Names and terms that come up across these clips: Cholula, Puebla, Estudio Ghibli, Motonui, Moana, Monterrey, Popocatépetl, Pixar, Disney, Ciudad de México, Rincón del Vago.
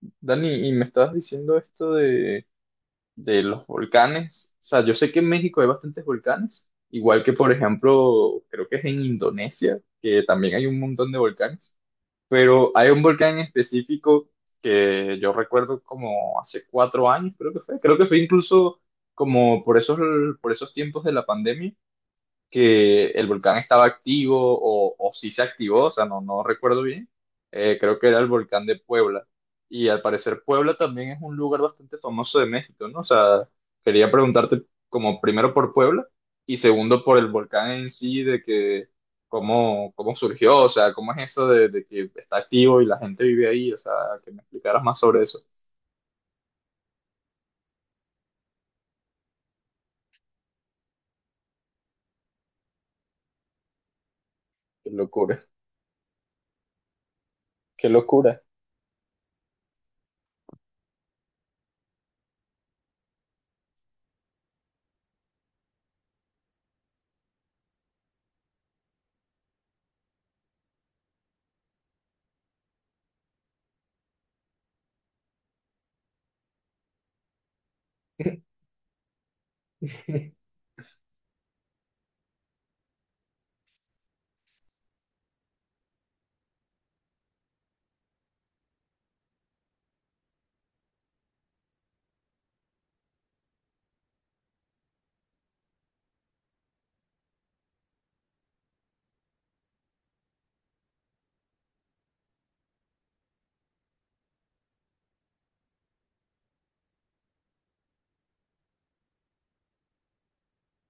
Dani, y me estabas diciendo esto de los volcanes. O sea, yo sé que en México hay bastantes volcanes, igual que, por ejemplo, creo que es en Indonesia, que también hay un montón de volcanes, pero hay un volcán en específico que yo recuerdo como hace 4 años. Creo que fue, creo que fue incluso como por por esos tiempos de la pandemia, que el volcán estaba activo o si se activó. O sea, no recuerdo bien. Creo que era el volcán de Puebla. Y al parecer Puebla también es un lugar bastante famoso de México, ¿no? O sea, quería preguntarte como primero por Puebla y segundo por el volcán en sí, de que cómo, cómo surgió, o sea, cómo es eso de que está activo y la gente vive ahí. O sea, que me explicaras más sobre eso. Qué locura, qué locura.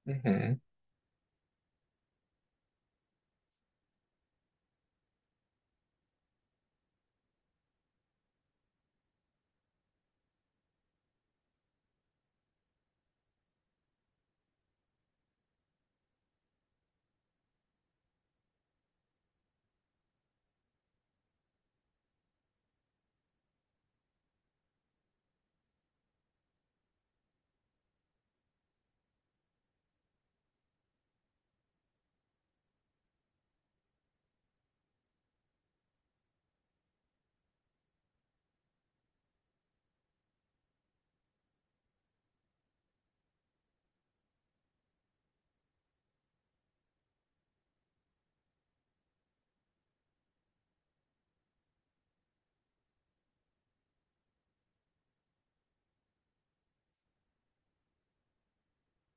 Ujú.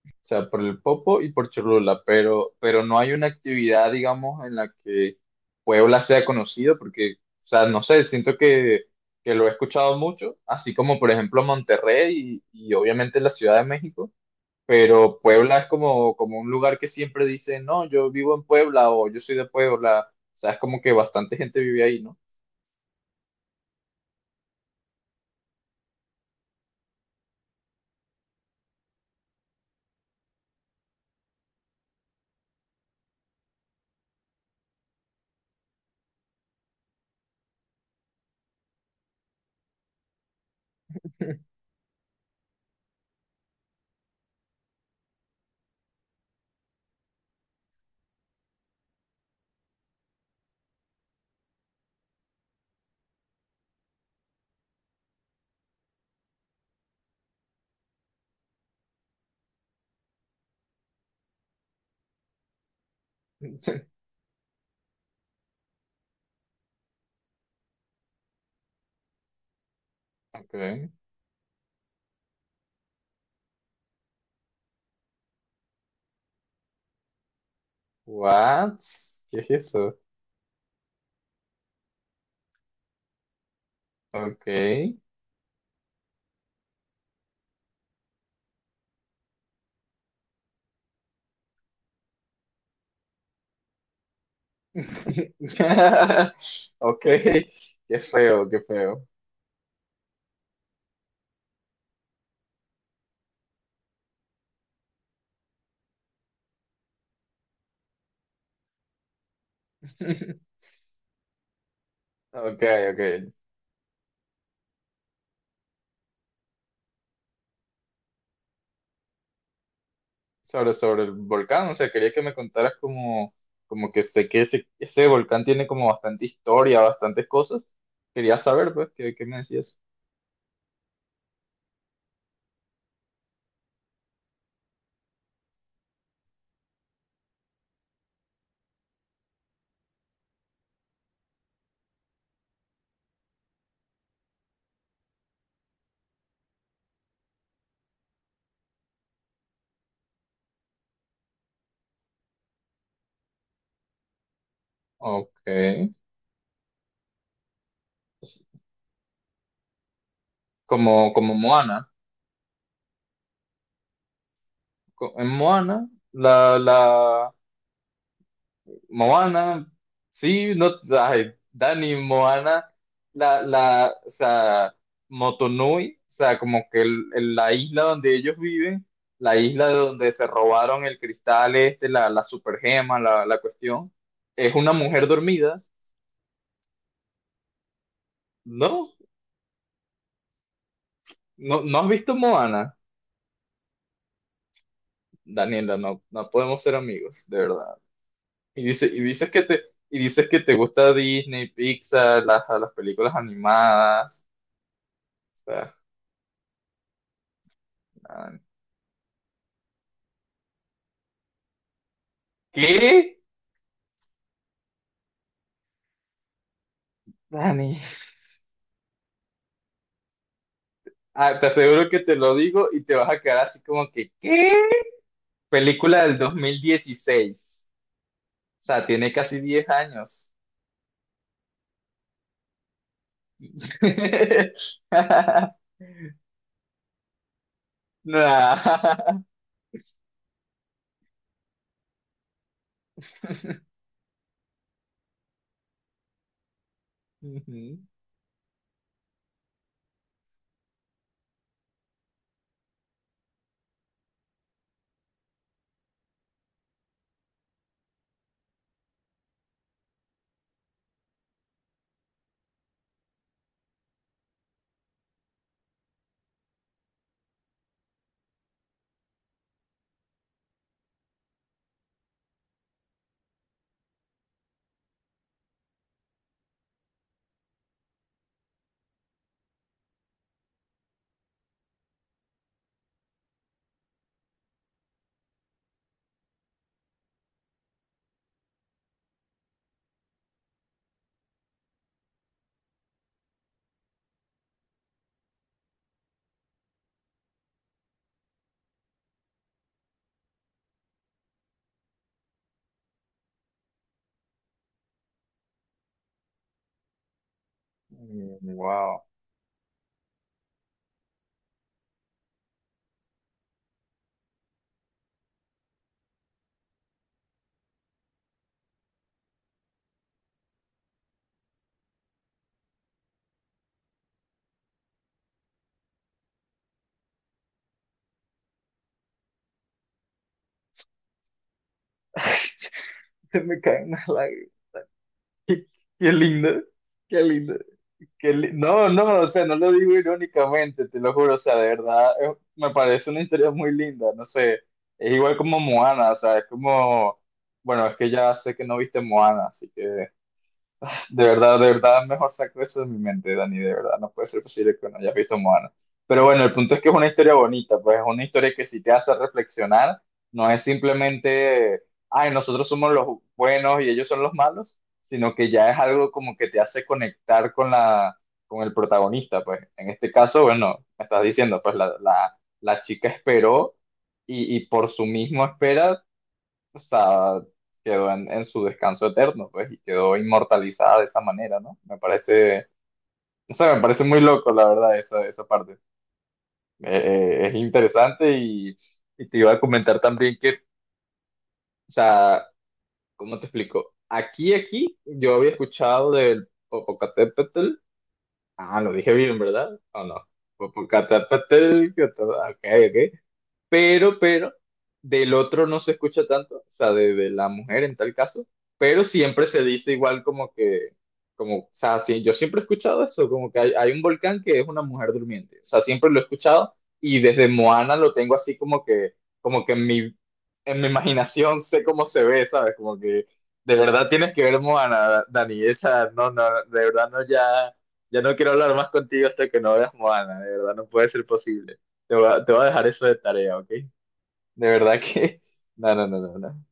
O sea, por el Popo y por Cholula, pero no hay una actividad, digamos, en la que Puebla sea conocido, porque, o sea, no sé, siento que lo he escuchado mucho, así como, por ejemplo, Monterrey y obviamente la Ciudad de México, pero Puebla es como, como un lugar que siempre dice, no, yo vivo en Puebla o yo soy de Puebla. O sea, es como que bastante gente vive ahí, ¿no? Ok. What? ¿Qué es eso? Ok. Ok, qué feo, qué feo. Ok, ok. Sobre, sobre el volcán. O sea, quería que me contaras como, como que sé que ese volcán tiene como bastante historia, bastantes cosas. Quería saber, pues, qué, qué me decías. Ok, como, como Moana. En Moana, la, la, Moana, sí, no, ay, Dani, Moana, la, o sea, Motonui, o sea, como que la isla donde ellos viven, la isla de donde se robaron el cristal este, la supergema, la cuestión, es una mujer dormida, ¿no? ¿No, no has visto Moana? Daniela, no, no podemos ser amigos, de verdad. Y dice, y y dices que te gusta Disney, Pixar, las películas animadas, o sea, nada. ¿Qué? Dani. Ah, te aseguro que te lo digo y te vas a quedar así como que, ¿qué? Película del 2016. O sea, tiene casi 10 años. Nah. Ujú. Mm. Wow. Se me caen las lágrimas. Qué, qué lindo. Qué lindo. No, no, o sea, no lo digo irónicamente, te lo juro, o sea, de verdad, me parece una historia muy linda, no sé, es igual como Moana, o sea, es como, bueno, es que ya sé que no viste Moana, así que de verdad, mejor saco eso de mi mente, Dani, de verdad, no puede ser posible que no hayas visto Moana. Pero bueno, el punto es que es una historia bonita, pues es una historia que sí te hace reflexionar, no es simplemente, ay, nosotros somos los buenos y ellos son los malos, sino que ya es algo como que te hace conectar con la, con el protagonista, pues en este caso, bueno, me estás diciendo, pues la, la chica esperó y por su mismo espera, o sea, quedó en su descanso eterno, pues, y quedó inmortalizada de esa manera, ¿no? Me parece, o sea, me parece muy loco, la verdad, esa parte. Es interesante y te iba a comentar también que, o sea, ¿cómo te explico? Aquí, aquí, yo había escuchado del Popocatépetl, ah, lo dije bien, ¿verdad? ¿O no? Popocatépetl, ok, ok. Pero del otro no se escucha tanto, o sea, de la mujer en tal caso, pero siempre se dice igual como que, como, o sea, sí, yo siempre he escuchado eso, como que hay un volcán que es una mujer durmiente, o sea, siempre lo he escuchado y desde Moana lo tengo así como que en mi imaginación sé cómo se ve, ¿sabes? Como que de verdad tienes que ver Moana, Dani, esa, no, no, de verdad no, ya, ya no quiero hablar más contigo hasta que no veas Moana, de verdad no puede ser posible. Te voy a dejar eso de tarea, ¿ok? De verdad que... No, no, no, no, no.